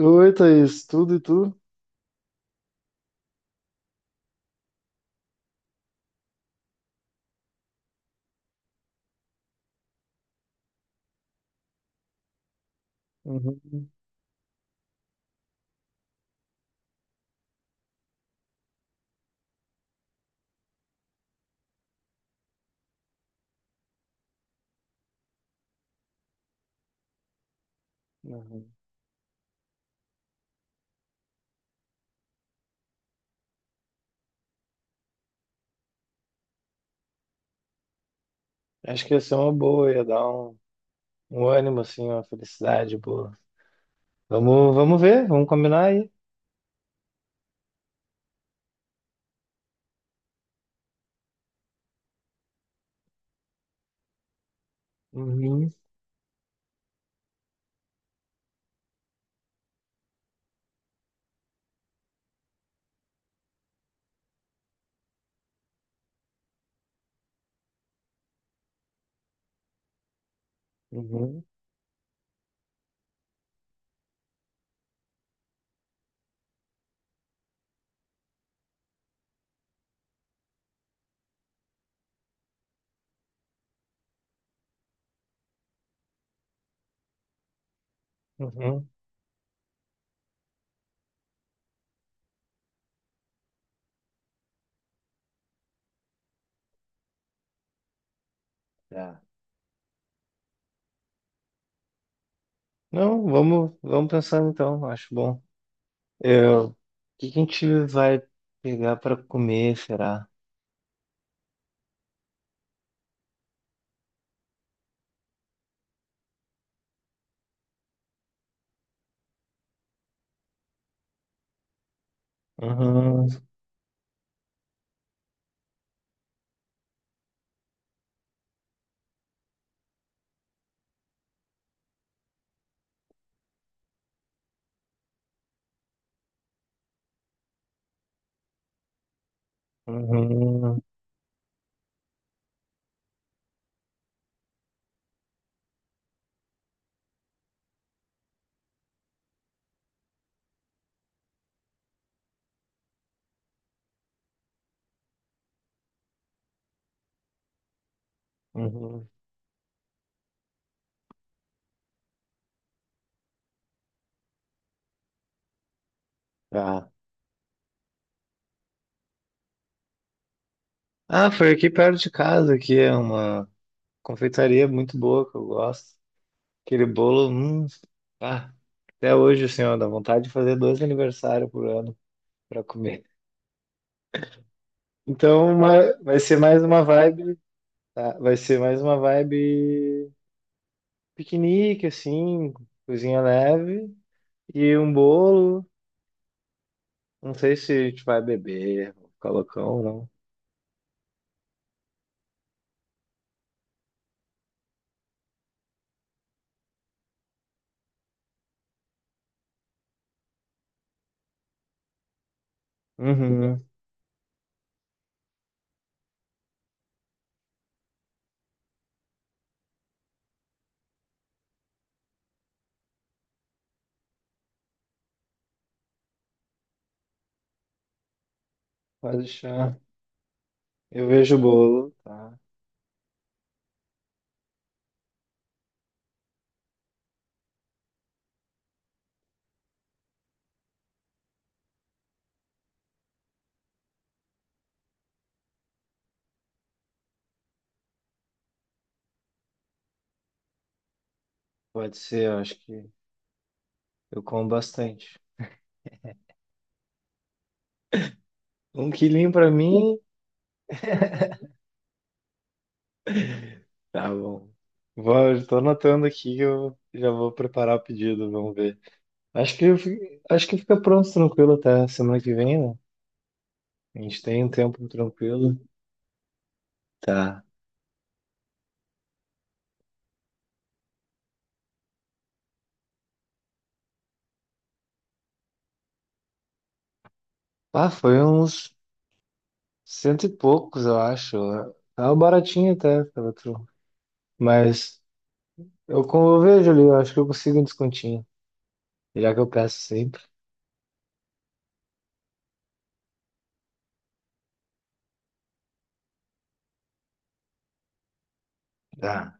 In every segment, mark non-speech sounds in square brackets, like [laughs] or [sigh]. Oi, Thaís, tudo e tu? Uhum, uhum. Acho que ia ser uma boa, ia dar um ânimo, assim, uma felicidade boa. Vamos ver, vamos combinar aí. Uhum, uhum, uhum. Tá. Não, vamos pensando então, acho bom. O que que a gente vai pegar para comer, será? Uhum, uhum, uhum. Tá. Ah, foi aqui perto de casa, que é uma confeitaria muito boa que eu gosto. Aquele bolo, ah, até hoje, senhor, dá vontade de fazer dois aniversários por ano para comer. Então, vai ser mais uma vibe, tá? Vai ser mais uma vibe piquenique, assim, cozinha leve e um bolo. Não sei se a gente vai beber, ficar loucão ou não. Uhum, pode deixar. Eu vejo o bolo, tá? Pode ser, eu acho que eu como bastante. Um quilinho para mim. Tá bom. Estou anotando aqui, que eu já vou preparar o pedido, vamos ver. Acho que fica pronto, tranquilo até semana que vem, né? A gente tem um tempo tranquilo. Tá. Ah, foi uns cento e poucos, eu acho. Tava baratinho até, pela tru. Mas como eu vejo ali, eu acho que eu consigo um descontinho, já que eu peço sempre. Tá.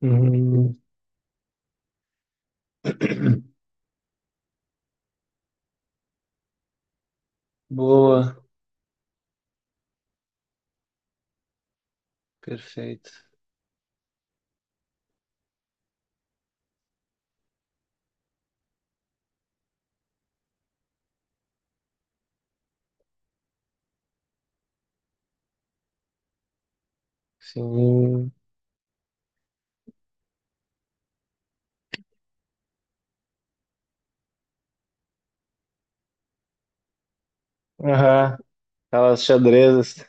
Hum, boa, perfeito. Sim. Aham, aquelas xadrezas.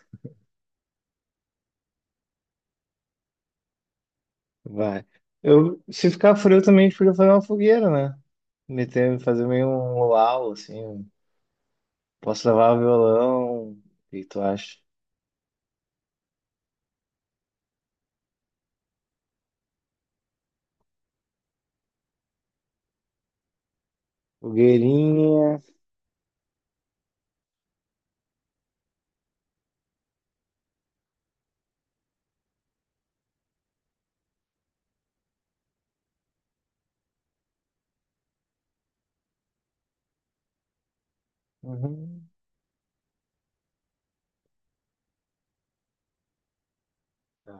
Vai. Se ficar frio também, a gente podia fazer uma fogueira, né? Fazer meio um luau, assim. Posso levar o violão. O que tu acha? Fogueirinha. Uhum. Tá,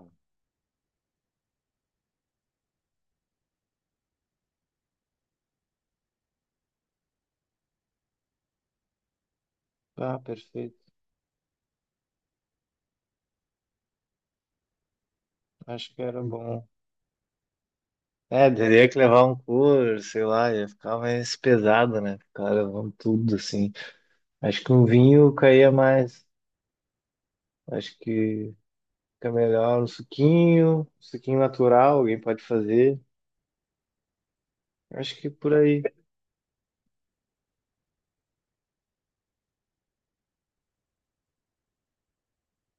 tá, perfeito. Acho que era bom. É, teria que levar um cooler sei lá, ia ficar mais pesado, né? Ficar levando tudo, assim. Acho que um vinho caía mais. Acho que fica melhor um suquinho natural, alguém pode fazer. Acho que por aí.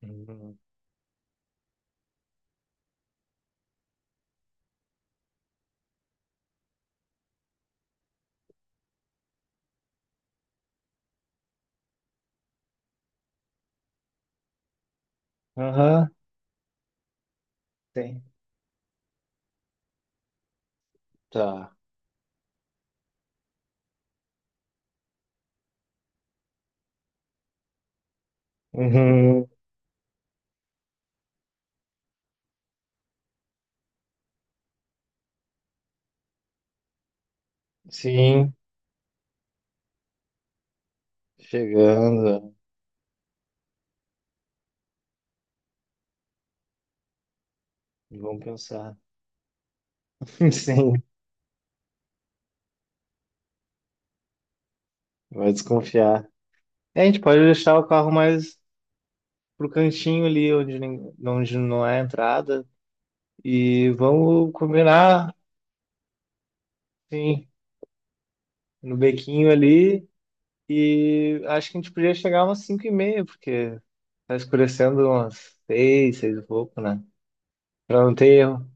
Uhum. Aham, tem. Tá. Uhum. Sim, chegando. Vamos pensar. [laughs] Sim, vai desconfiar. É, a gente pode deixar o carro mais pro cantinho ali, onde não é a entrada. E vamos combinar, sim, no bequinho ali. E acho que a gente podia chegar umas 5:30, porque tá escurecendo umas 6, 6 e pouco, né? Pra não ter erro.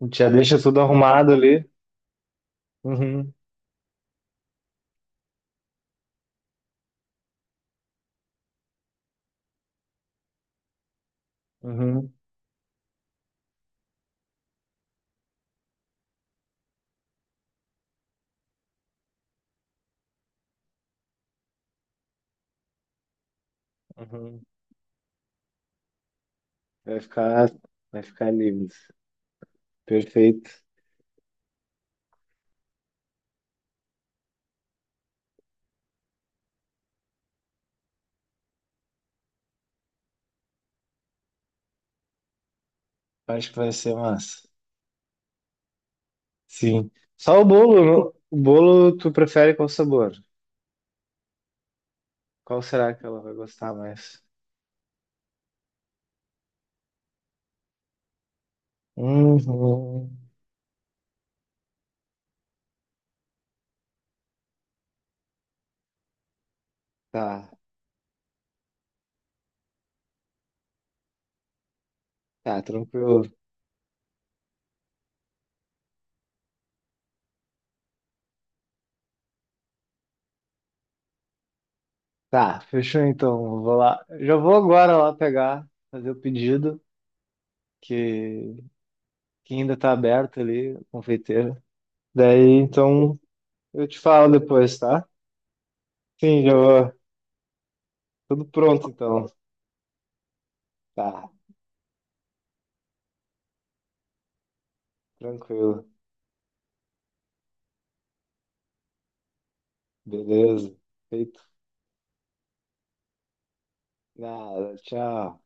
A gente já deixa tudo arrumado ali. Uhum, uhum, uhum. Vai ficar, vai ficar lindo. Perfeito. Acho que vai ser massa. Sim. Só o bolo, não? O bolo tu prefere qual sabor? Qual será que ela vai gostar mais? Uhum. Tá, tá, tranquilo. Tá, fechou então. Vou lá. Já vou agora lá pegar, fazer o pedido, que, que ainda tá aberto ali, a confeiteira. Daí, então, eu te falo depois, tá? Sim, já vou. Tudo pronto então. Tá, tranquilo. Beleza. Feito. Nada, tchau.